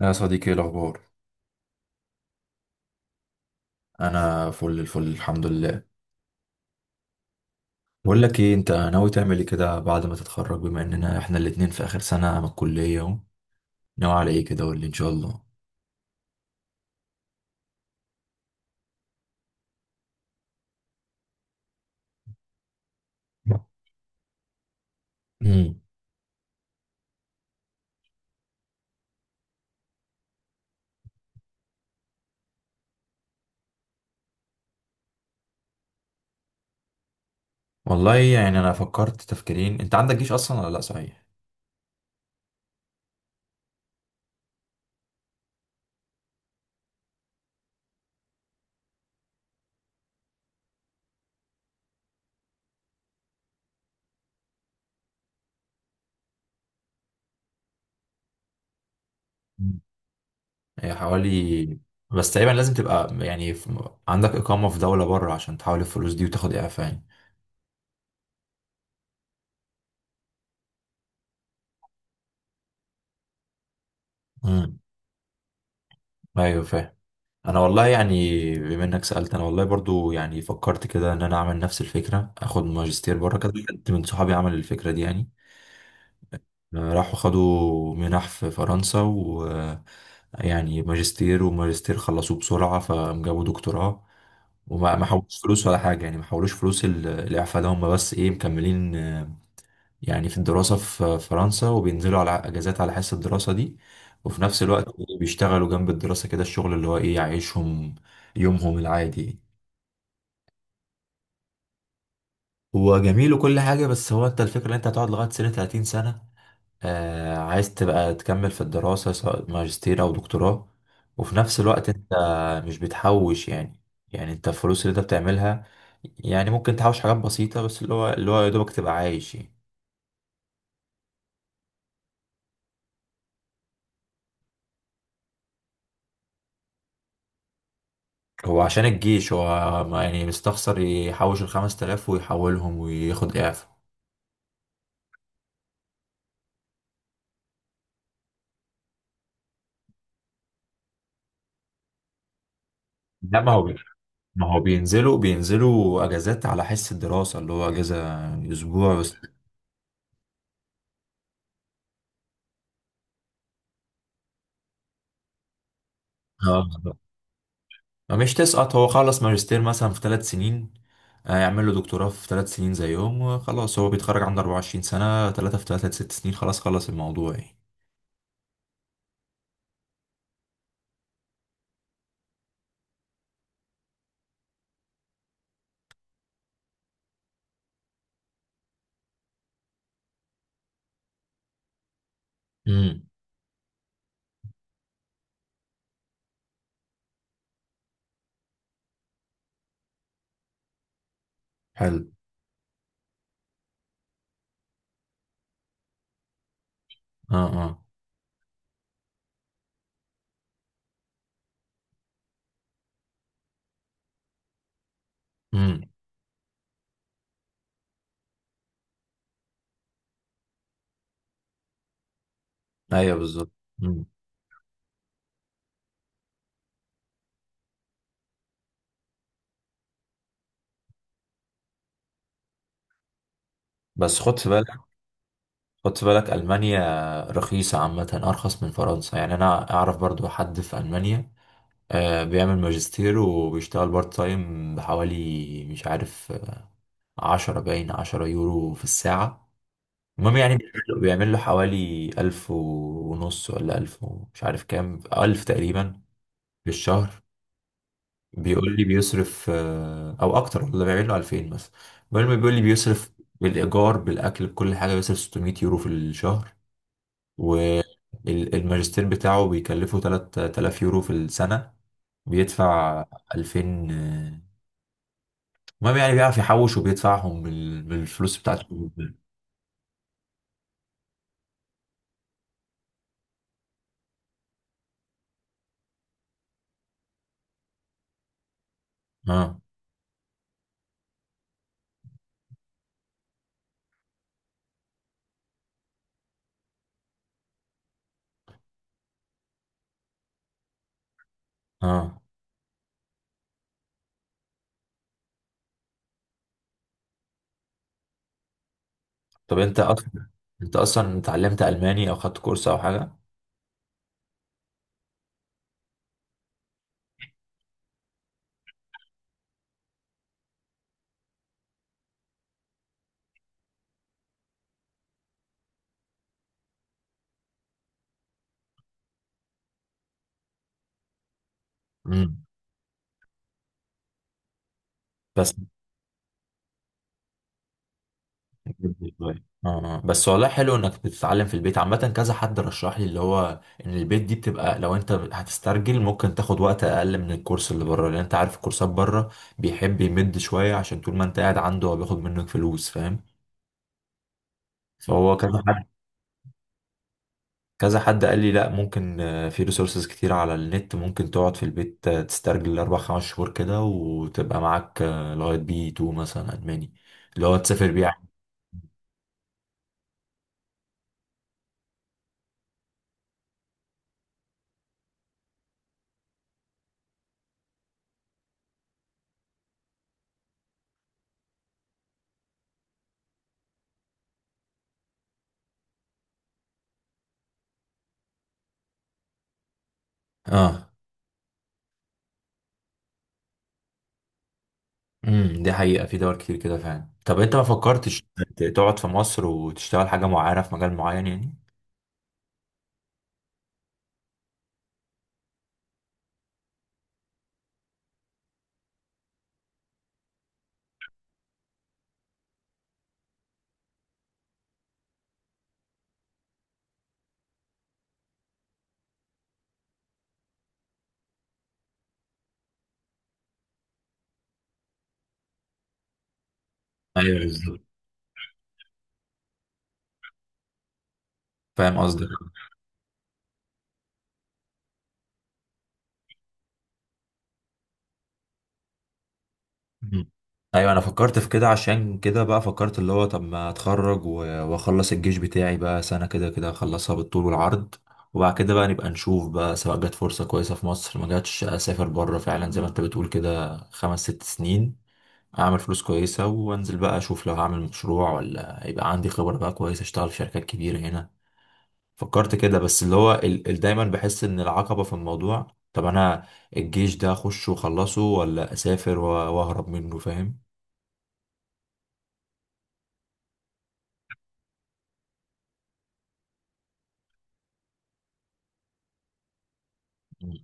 يا صديقي، ايه الاخبار؟ انا فل الفل الحمد لله. بقول لك ايه، انت ناوي تعمل ايه كده بعد ما تتخرج، بما اننا احنا الاتنين في اخر سنه من الكليه اهو؟ ناوي على ايه كده، قول لي ان شاء الله. امم. والله يعني انا فكرت تفكيرين. انت عندك جيش اصلا ولا لا، صحيح؟ مم. هي حوالي... بس تقريبا لازم تبقى يعني في... عندك اقامه في دوله بره عشان تحول الفلوس دي وتاخد اعفاء يعني. امم. ايوه فاهم. انا والله يعني بما انك سالت، انا والله برضو يعني فكرت كده ان انا اعمل نفس الفكره، اخد ماجستير بره كده. حد من صحابي عمل الفكره دي يعني. راحوا خدوا منح في فرنسا و... يعني ماجستير خلصوه بسرعه فجابوا دكتوراه. وما ما حولوش فلوس ولا حاجه، يعني ما حولوش فلوس. الاعفاء ده هم بس ايه، مكملين يعني في الدراسة في فرنسا، وبينزلوا على أجازات على حس الدراسة دي. وفي نفس الوقت بيشتغلوا جنب الدراسة كده، الشغل اللي هو إيه، يعيشهم يومهم العادي. هو جميل وكل حاجة، بس هو أنت الفكرة إن أنت هتقعد لغاية سنة 30 سنة. عايز تبقى تكمل في الدراسة سواء ماجستير أو دكتوراه، وفي نفس الوقت أنت مش بتحوش يعني. يعني أنت الفلوس اللي أنت بتعملها، يعني ممكن تحوش حاجات بسيطة، بس اللي هو يا دوبك تبقى عايش يعني. هو عشان الجيش، هو يعني مستخسر يحوش الخمس تلاف ويحولهم وياخد إعفاء؟ لا، ما هو ما هو بينزلوا أجازات على حس الدراسة، اللي هو أجازة أسبوع بس. اه بالظبط. مش تسقط، هو خلص ماجستير مثلا في 3 سنين، يعمل له دكتوراه في 3 سنين زيهم وخلاص. هو بيتخرج عنده 24 سنة. ثلاثة في ثلاثة 6 سنين، خلاص خلص الموضوع يعني. امم. حلو. اه، اه. امم. ايوه بالظبط. امم. بس خد في بالك، خدت بالك ألمانيا رخيصة عامة، أرخص من فرنسا يعني. أنا أعرف برضو حد في ألمانيا بيعمل ماجستير وبيشتغل بارت تايم بحوالي مش عارف، عشرة باين 10 يورو في الساعة. المهم يعني بيعمل له حوالي ألف ونص ولا ألف ومش عارف كام ألف تقريبا في الشهر. بيقول لي بيصرف أو أكتر، ولا بيعمل له 2000 مثلا. المهم بيقول لي بيصرف بالإيجار بالأكل بكل حاجة، بيصرف 600 يورو في الشهر، و الماجستير بتاعه بيكلفه 3000 يورو في السنة، بيدفع 2000. آه، المهم يعني بيعرف يحوش وبيدفعهم من الفلوس بتاعته. اه، اه. طب انت اصلا اتعلمت الماني او خدت كورس او حاجة؟ امم. بس بالظبط. اه بس والله حلو انك بتتعلم في البيت. عامة كذا حد رشح لي اللي هو ان البيت دي بتبقى، لو انت هتسترجل ممكن تاخد وقت اقل من الكورس اللي بره، لان انت عارف الكورسات بره بيحب يمد شوية عشان طول ما انت قاعد عنده هو بياخد منك فلوس، فاهم. فهو كذا حد كذا حد قال لي لا ممكن، في ريسورسز كتير على النت، ممكن تقعد في البيت تسترجل اربع خمس شهور كده، وتبقى معاك لغاية بي 2 مثلا الماني، اللي هو تسافر بيه. اه. امم، دي حقيقة في دول كتير كده فعلا. طب انت ما فكرتش تقعد في مصر وتشتغل حاجة معينة في مجال معين يعني؟ ايوه بالظبط، فاهم قصدك. مم. ايوه انا فكرت في كده، عشان كده بقى فكرت اللي هو طب ما اتخرج واخلص الجيش بتاعي بقى سنة كده كده، اخلصها بالطول والعرض. وبعد كده بقى نبقى نشوف بقى، سواء جت فرصة كويسة في مصر، ما جاتش اسافر بره فعلا زي ما انت بتقول كده خمس ست سنين، اعمل فلوس كويسة وانزل بقى، اشوف لو هعمل مشروع ولا يبقى عندي خبرة بقى كويسة اشتغل في شركات كبيرة هنا. فكرت كده، بس اللي هو دايما بحس ان العقبة في الموضوع، طب انا الجيش ده اخش واخلصه ولا اسافر واهرب منه، فاهم. مم.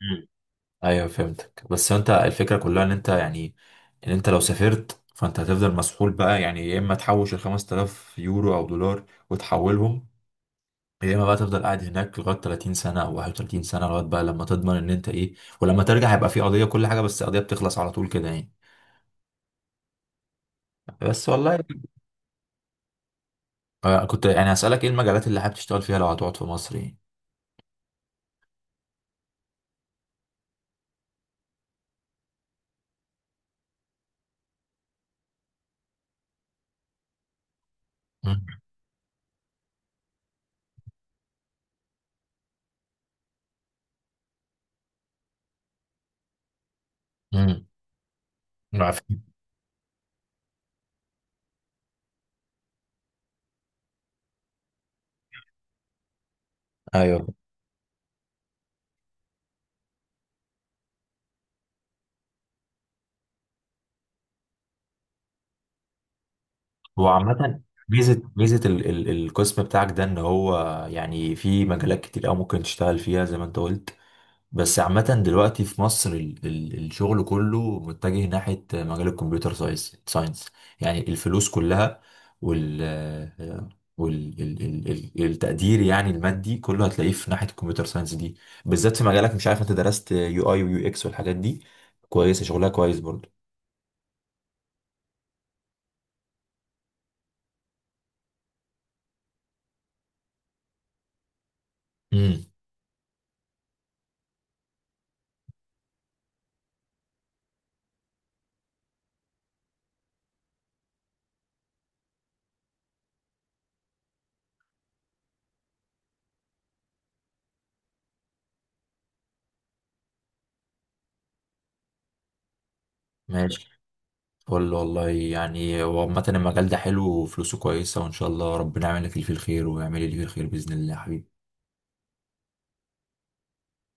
مم. ايوه فهمتك. بس انت الفكرة كلها ان انت يعني، ان انت لو سافرت فانت هتفضل مسحول بقى يعني، يا اما تحوش ال 5000 يورو او دولار وتحولهم، يا اما بقى تفضل قاعد هناك لغايه 30 سنه او 31 سنه، لغايه بقى لما تضمن ان انت ايه، ولما ترجع هيبقى في قضيه كل حاجه، بس القضيه بتخلص على طول كده يعني. بس والله كنت يعني هسألك ايه المجالات اللي حابب تشتغل فيها لو هتقعد في مصر يعني؟ مم. مم. عارف. ايوه. هو عامة ميزة ال القسم بتاعك ده، ان هو يعني في مجالات كتير أوي ممكن تشتغل فيها زي ما انت قلت. بس عامة دلوقتي في مصر ال الشغل كله متجه ناحية مجال الكمبيوتر ساينس. يعني الفلوس كلها، وال... وال ال ال ال التقدير يعني المادي كله هتلاقيه في ناحية الكمبيوتر ساينس دي، بالذات في مجالك. مش عارف انت درست يو اي ويو اكس والحاجات دي، كويسة شغلها كويس برضه. امم. ماشي. فل والله. يعني هو عامة المجال ده حلو وفلوسه كويسة، وإن شاء الله ربنا يعمل لك اللي فيه الخير ويعمل لي اللي فيه الخير بإذن الله يا حبيبي.